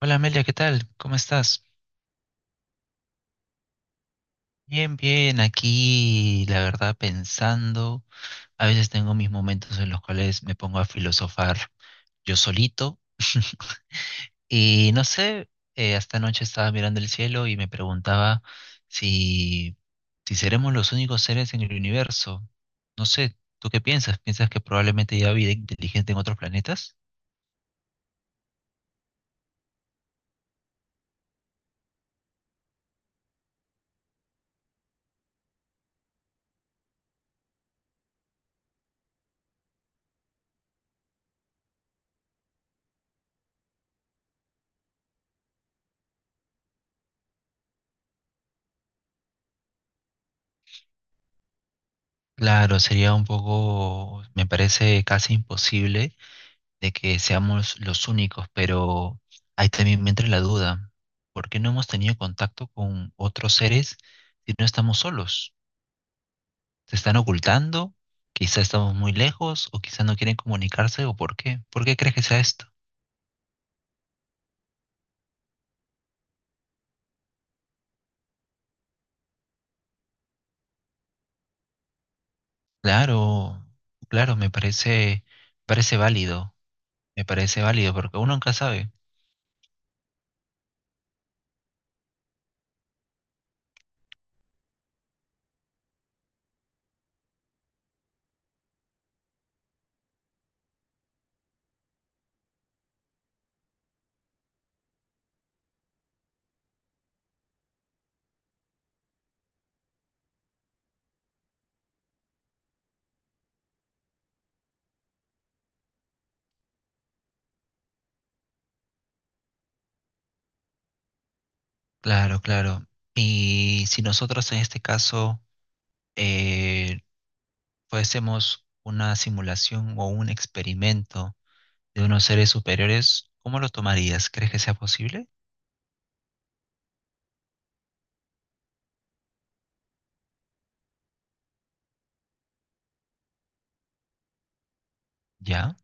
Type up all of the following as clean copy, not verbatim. Hola Amelia, ¿qué tal? ¿Cómo estás? Bien, bien, aquí la verdad pensando, a veces tengo mis momentos en los cuales me pongo a filosofar yo solito y no sé, hasta anoche estaba mirando el cielo y me preguntaba si, si seremos los únicos seres en el universo. No sé, ¿tú qué piensas? ¿Piensas que probablemente haya vida inteligente en otros planetas? Claro, sería un poco, me parece casi imposible de que seamos los únicos, pero ahí también me entra la duda. ¿Por qué no hemos tenido contacto con otros seres si no estamos solos? ¿Se están ocultando? Quizá estamos muy lejos o quizá no quieren comunicarse o por qué. ¿Por qué crees que sea esto? Claro, claro, me parece, parece válido, me parece válido porque uno nunca sabe. Claro, claro. Y si nosotros en este caso eh, fuésemos una simulación o un experimento, de unos seres superiores, ¿cómo lo tomarías? ¿Crees que sea posible? Ya.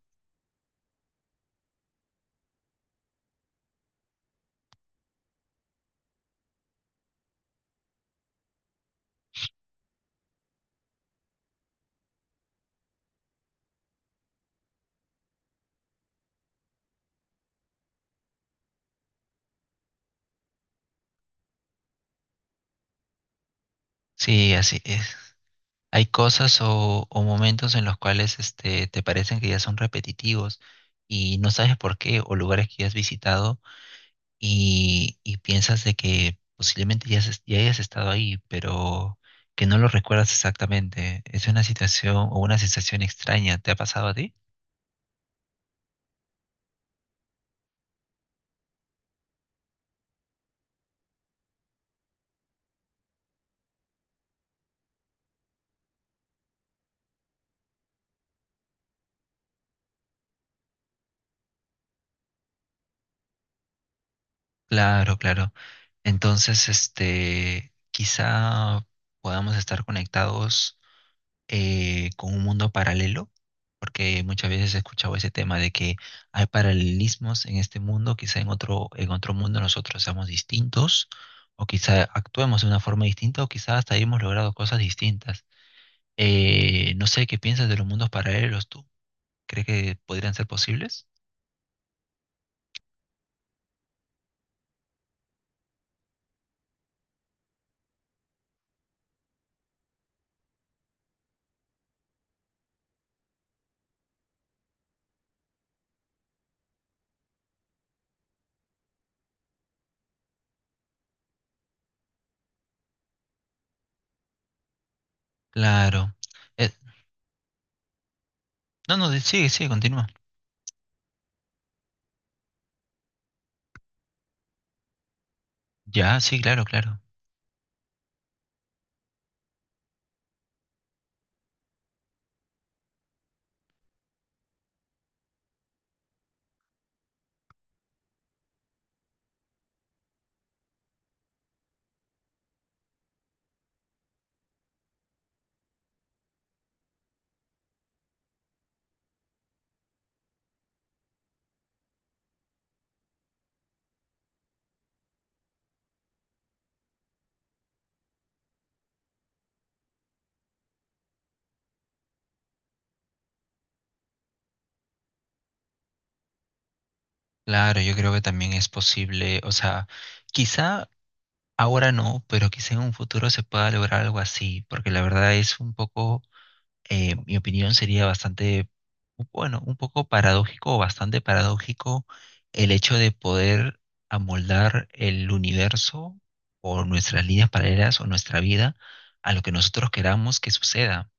Sí, así es. Hay cosas o momentos en los cuales este, te parecen que ya son repetitivos y no sabes por qué, o lugares que ya has visitado y piensas de que posiblemente ya, ya hayas estado ahí, pero que no lo recuerdas exactamente. Es una situación o una sensación extraña. ¿Te ha pasado a ti? Claro, claro. Entonces, este, quizá podamos estar conectados con un mundo paralelo, porque muchas veces he escuchado ese tema de que hay paralelismos en este mundo, quizá en otro mundo nosotros seamos distintos, o quizá actuemos de una forma distinta, o quizá hasta hayamos logrado cosas distintas. No sé qué piensas de los mundos paralelos tú. ¿Crees que podrían ser posibles? Claro. Eh, no, no, sigue, sigue, continúa. Ya, sí, claro, claro. Claro, yo creo que también es posible, o sea, quizá ahora no, pero quizá en un futuro se pueda lograr algo así, porque la verdad es un poco, mi opinión sería bastante, bueno, un poco paradójico o bastante paradójico, el hecho de poder amoldar el universo o nuestras líneas paralelas o nuestra vida a lo que nosotros queramos que suceda.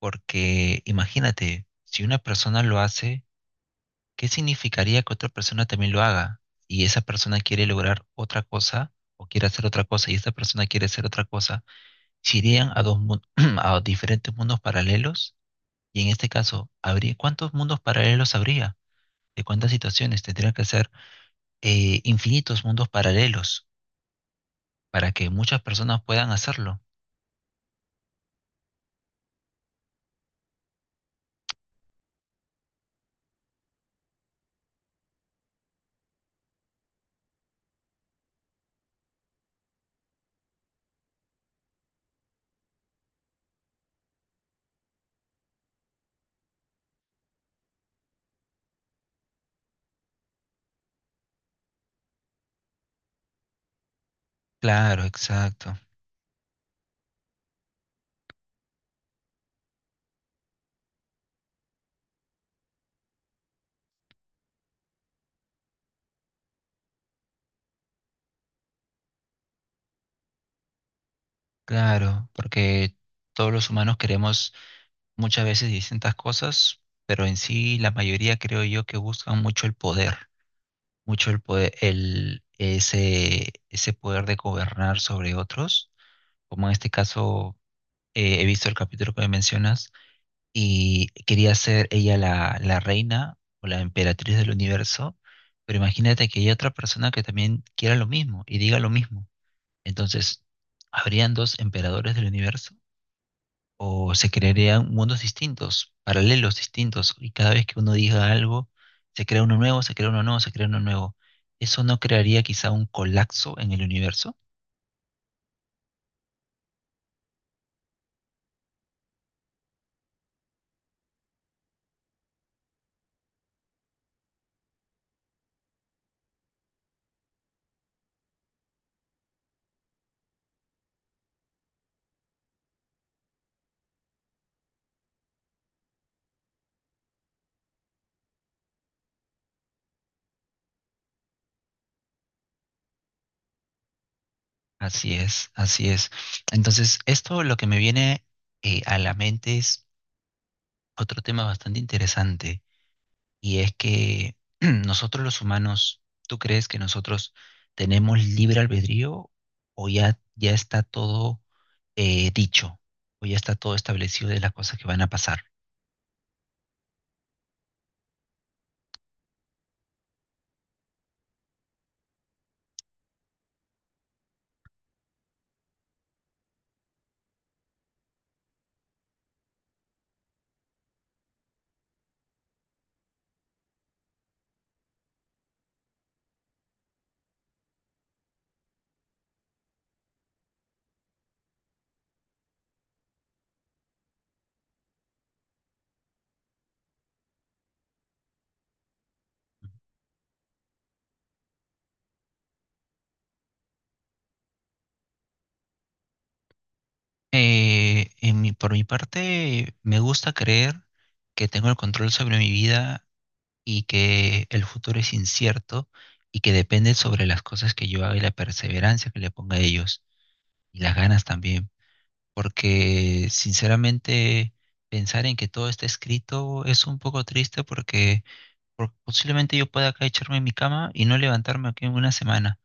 Porque imagínate, si una persona lo hace, ¿qué significaría que otra persona también lo haga? Y esa persona quiere lograr otra cosa o quiere hacer otra cosa y esta persona quiere hacer otra cosa. ¿Se irían a a diferentes mundos paralelos? Y en este caso, ¿habría cuántos mundos paralelos habría? ¿De cuántas situaciones? Tendrían que ser infinitos mundos paralelos para que muchas personas puedan hacerlo. Claro, exacto. Claro, porque todos los humanos queremos muchas veces distintas cosas, pero en sí la mayoría creo yo que buscan mucho el poder, el, ese poder de gobernar sobre otros, como en este caso he visto el capítulo que me mencionas y quería ser ella la, la reina o la emperatriz del universo, pero imagínate que hay otra persona que también quiera lo mismo y diga lo mismo. Entonces, ¿habrían dos emperadores del universo? ¿O se crearían mundos distintos, paralelos distintos, y cada vez que uno diga algo, se crea uno nuevo, se crea uno nuevo, se crea uno nuevo? ¿Eso no crearía quizá un colapso en el universo? Así es, así es. Entonces, esto lo que me viene a la mente es otro tema bastante interesante, y es que nosotros los humanos, ¿tú crees que nosotros tenemos libre albedrío o ya, ya está todo dicho, o ya está todo establecido de las cosas que van a pasar? Por mi parte, me gusta creer que tengo el control sobre mi vida y que el futuro es incierto y que depende sobre las cosas que yo haga y la perseverancia que le ponga a ellos y las ganas también. Porque sinceramente pensar en que todo está escrito es un poco triste porque, posiblemente yo pueda acá echarme en mi cama y no levantarme aquí en una semana,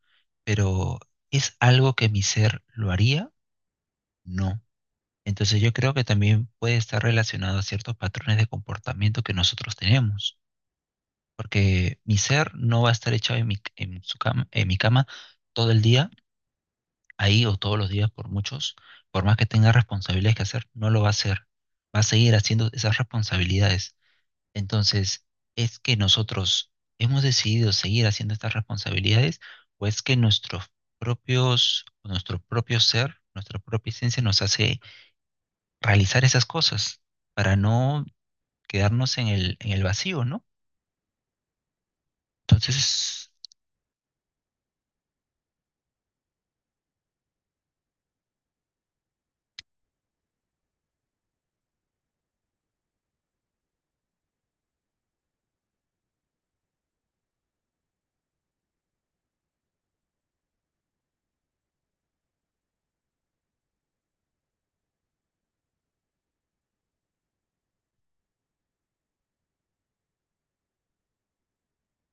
pero ¿es algo que mi ser lo haría? No. Entonces yo creo que también puede estar relacionado a ciertos patrones de comportamiento que nosotros tenemos, porque mi ser no va a estar echado en mi, en su cama, en mi cama todo el día, ahí o todos los días por muchos, por más que tenga responsabilidades que hacer, no lo va a hacer, va a seguir haciendo esas responsabilidades. Entonces, ¿es que nosotros hemos decidido seguir haciendo estas responsabilidades o es que nuestros propios, nuestro propio ser, nuestra propia esencia nos hace realizar esas cosas para no quedarnos en el vacío, ¿no? Entonces,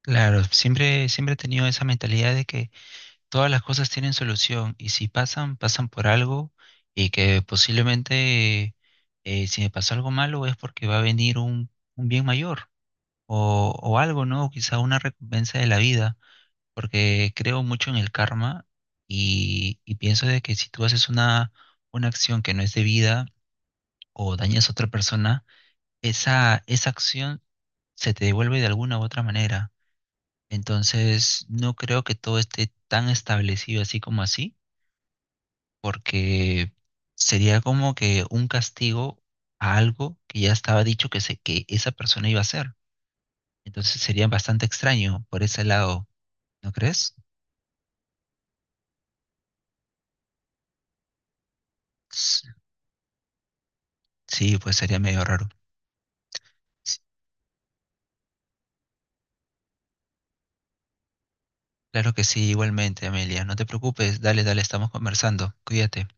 claro, siempre, siempre he tenido esa mentalidad de que todas las cosas tienen solución y si pasan, pasan por algo y que posiblemente si me pasó algo malo es porque va a venir un bien mayor o algo, ¿no? O quizá una recompensa de la vida, porque creo mucho en el karma y pienso de que si tú haces una acción que no es debida o dañas a otra persona, esa acción se te devuelve de alguna u otra manera. Entonces, no creo que todo esté tan establecido así como así, porque sería como que un castigo a algo que ya estaba dicho que, se, que esa persona iba a hacer. Entonces sería bastante extraño por ese lado, ¿no crees? S- Sí, pues sería medio raro. S- Claro que sí, igualmente, Amelia. No te preocupes, dale, dale, estamos conversando. Cuídate.